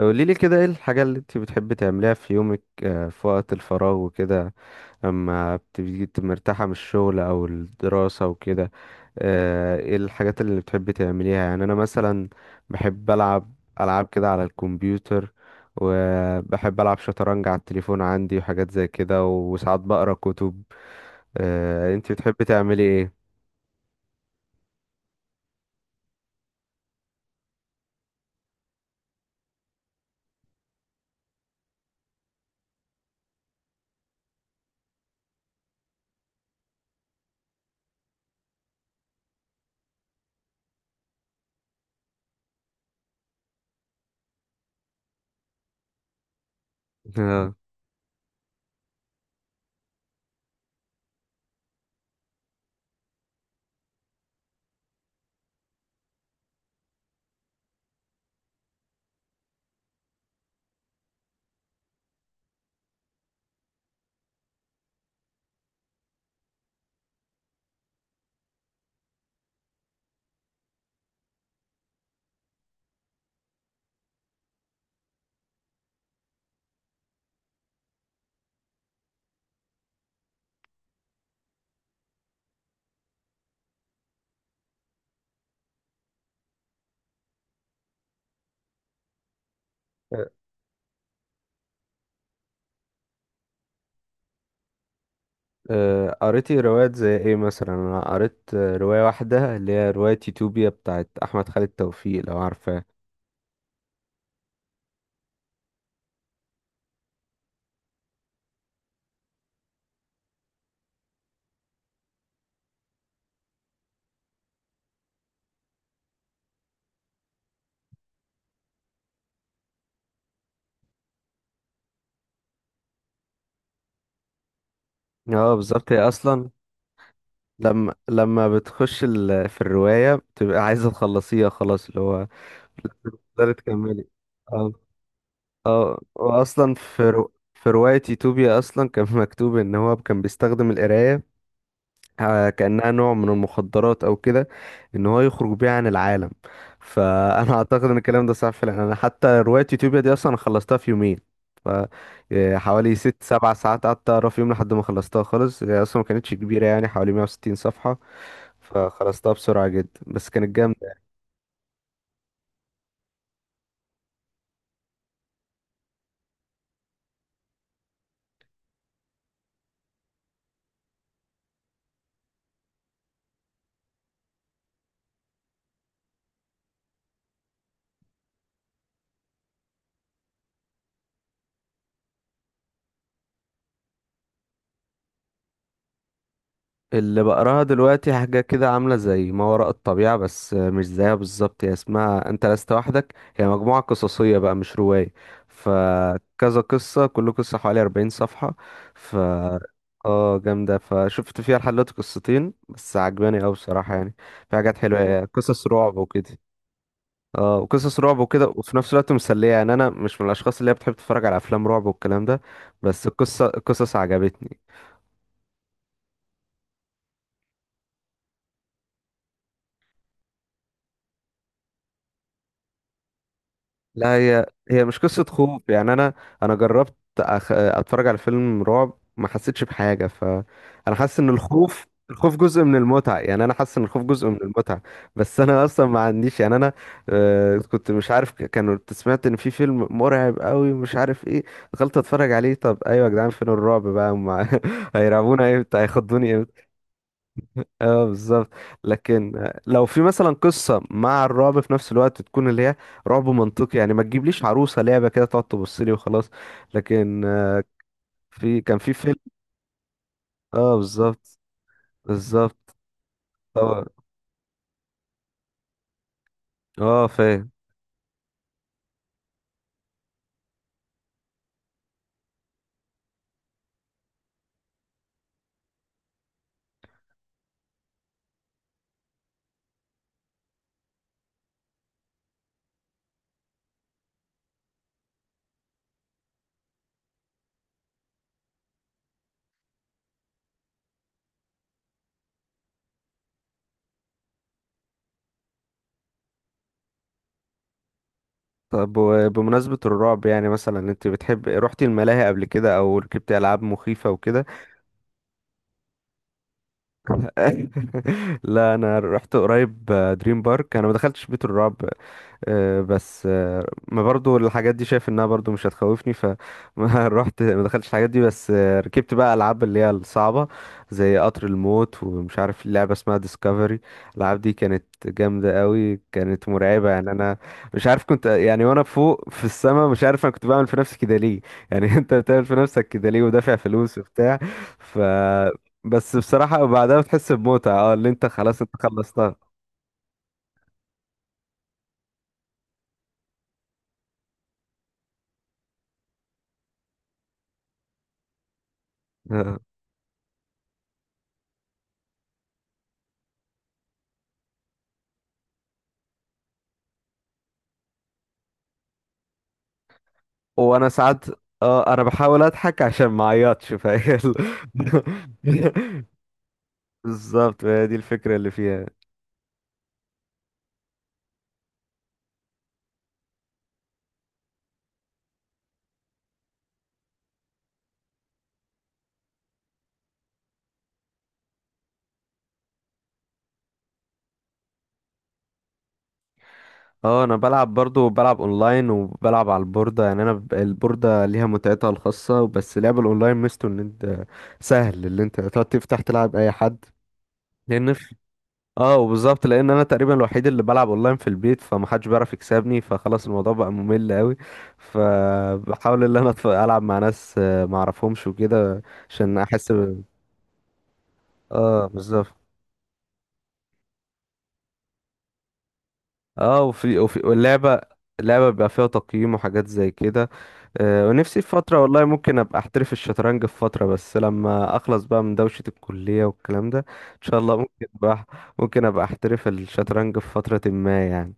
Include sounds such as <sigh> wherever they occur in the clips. قولي لي كده، ايه الحاجة اللي انت بتحبي تعمليها في يومك، في وقت الفراغ وكده اما بتبقي مرتاحة من الشغل او الدراسة وكده؟ ايه الحاجات اللي بتحبي تعمليها؟ يعني انا مثلا بحب العب العاب كده على الكمبيوتر، وبحب العب شطرنج على التليفون عندي وحاجات زي كده، وساعات بقرا كتب. انت بتحبي تعملي ايه؟ <laughs> آه. قريتي روايات زي ايه مثلا؟ انا قريت رواية واحدة اللي هي رواية يوتوبيا بتاعت احمد خالد توفيق، لو عارفاه. اه بالظبط، هي اصلا لما بتخش في الرواية بتبقى عايزة تخلصيها خلاص، اللي هو تقدري تكملي. اه. اه واصلا في رواية يوتوبيا اصلا كان مكتوب ان هو كان بيستخدم القراية كأنها نوع من المخدرات أو كده، إن هو يخرج بيها عن العالم. فأنا <laughs> أعتقد إن الكلام ده صح فعلا. أنا حتى رواية يوتيوبيا دي أصلا أنا خلصتها في يومين. ف حوالي 6 7 ساعات قعدت أقرا في يوم لحد ما خلصتها خالص. هي أصلا ما كانتش كبيرة، يعني حوالي 160 صفحة، فخلصتها بسرعة جدا، بس كانت جامدة. اللي بقراها دلوقتي حاجة كده عاملة زي ما وراء الطبيعة بس مش زيها بالظبط. هي اسمها أنت لست وحدك، هي مجموعة قصصية بقى مش رواية. فكذا قصة، كل قصة حوالي 40 صفحة. ف اه جامدة، فشفت فيها لحد دلوقتي قصتين بس، عجباني أوي بصراحة يعني، في حاجات حلوة، هي قصص رعب وكده. اه، وقصص رعب وكده وفي نفس الوقت مسلية. يعني أنا مش من الأشخاص اللي هي بتحب تتفرج على أفلام رعب والكلام ده. بس القصص عجبتني. لا، هي مش قصة خوف. يعني أنا جربت أتفرج على فيلم رعب، ما حسيتش بحاجة. فأنا حاسس إن الخوف جزء من المتعة، يعني أنا حاسس إن الخوف جزء من المتعة. بس أنا أصلا ما عنديش، يعني أنا كنت مش عارف كانوا كنت سمعت إن في فيلم مرعب قوي مش عارف إيه. دخلت أتفرج عليه، طب أيوة يا جدعان، فين الرعب بقى هم؟ <laughs> هيرعبونا إمتى؟ هيخضوني إمتى؟ اه بالظبط. لكن لو في مثلا قصه مع الرعب في نفس الوقت، تكون اللي هي رعب منطقي. يعني ما تجيبليش عروسه لعبه كده تقعد تبص لي وخلاص. لكن كان في فيلم. اه بالظبط. بالظبط. طبعا، اه فاهم. طب وبمناسبة الرعب، يعني مثلا انت بتحب، رحتي الملاهي قبل كده او ركبتي العاب مخيفة وكده؟ <laughs> لا انا رحت قريب دريم بارك، انا ما دخلتش بيت الرعب. بس ما برضو الحاجات دي شايف انها برضو مش هتخوفني، فما <laughs> رحت ما دخلتش الحاجات دي، بس ركبت بقى العاب اللي هي الصعبه، زي قطر الموت ومش عارف لعبه اسمها ديسكفري. الالعاب دي كانت جامده قوي، كانت مرعبه يعني. انا مش عارف كنت، يعني وانا فوق في السما مش عارف انا كنت بعمل في نفسي كده ليه، يعني. <laughs> انت بتعمل في نفسك كده ليه ودافع فلوس وبتاع؟ ف بس بصراحه بعدها بتحس بمتعه، اه اللي انت خلاص انت خلصتها. <laughs> وانا ساعات اه، انا بحاول اضحك عشان ما اعيطش، فهي <laughs> بالظبط، هي دي الفكره اللي فيها. اه انا بلعب برضو، بلعب اونلاين وبلعب على البورده. يعني انا البورده ليها متعتها الخاصه، بس لعب الاونلاين ميزته ان انت سهل اللي انت تقعد تفتح تلعب اي حد، لان في اه وبالظبط، لان انا تقريبا الوحيد اللي بلعب اونلاين في البيت فمحدش بيعرف يكسبني، فخلاص الموضوع بقى ممل قوي. فبحاول ان انا العب مع ناس ما اعرفهمش وكده، عشان احس. اه بالظبط. اه وفي وفي واللعبة، اللعبة بيبقى فيها تقييم وحاجات زي كده. ونفسي في فترة والله ممكن ابقى احترف الشطرنج في فترة، بس لما اخلص بقى من دوشة الكلية والكلام ده، ان شاء الله ممكن بقى، ممكن ابقى احترف الشطرنج في فترة ما يعني.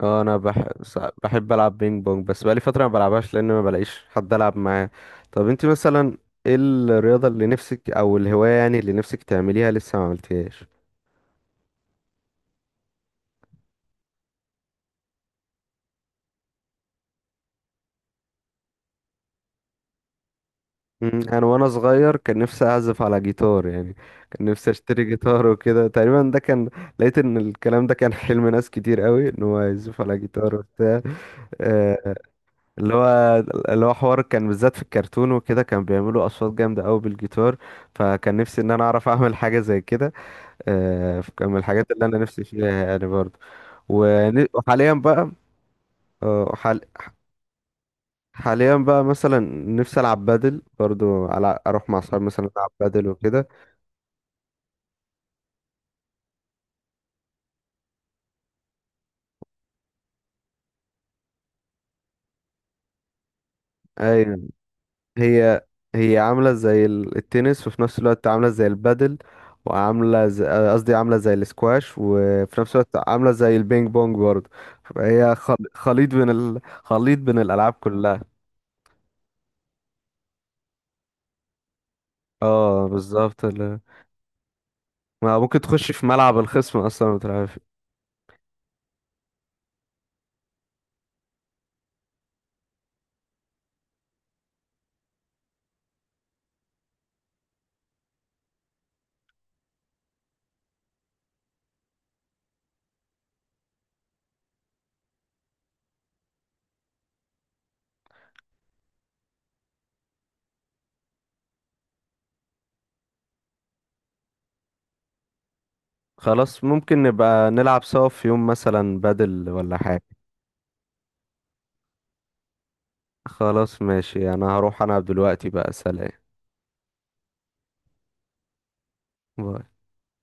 اه انا بحب العب بينج بونج، بس بقالي فترة ما بلعبهاش لان ما بلاقيش حد العب معاه. طب انت مثلا، ايه الرياضة اللي نفسك، او الهواية يعني اللي نفسك تعمليها لسه ما عملتيهاش؟ انا وانا صغير كان نفسي اعزف على جيتار يعني. كان نفسي اشتري جيتار وكده، تقريبا ده كان، لقيت ان الكلام ده كان حلم ناس كتير قوي ان هو يعزف على جيتار وبتاع. آه، اللي هو اللي هو حوار، كان بالذات في الكرتون وكده كان بيعملوا اصوات جامده قوي بالجيتار. فكان نفسي ان انا اعرف اعمل حاجه زي كده. كان من الحاجات اللي انا نفسي فيها يعني برضه. وحاليا بقى، آه، حال- حاليا بقى مثلا نفسي العب بادل برضو، على اروح مع اصحابي مثلا العب بادل وكده. ايوه، هي هي عامله زي التنس وفي نفس الوقت عامله زي البادل، وعامله زي قصدي عامله زي الاسكواش وفي نفس الوقت عامله زي البينج بونج برضه. فهي خليط بين الالعاب كلها. اه بالظبط، ما ممكن تخش في ملعب الخصم اصلا ما بتعرف. خلاص ممكن نبقى نلعب سوا في يوم مثلا بادل ولا حاجه. خلاص ماشي، انا هروح انا دلوقتي بقى. سلام. باي.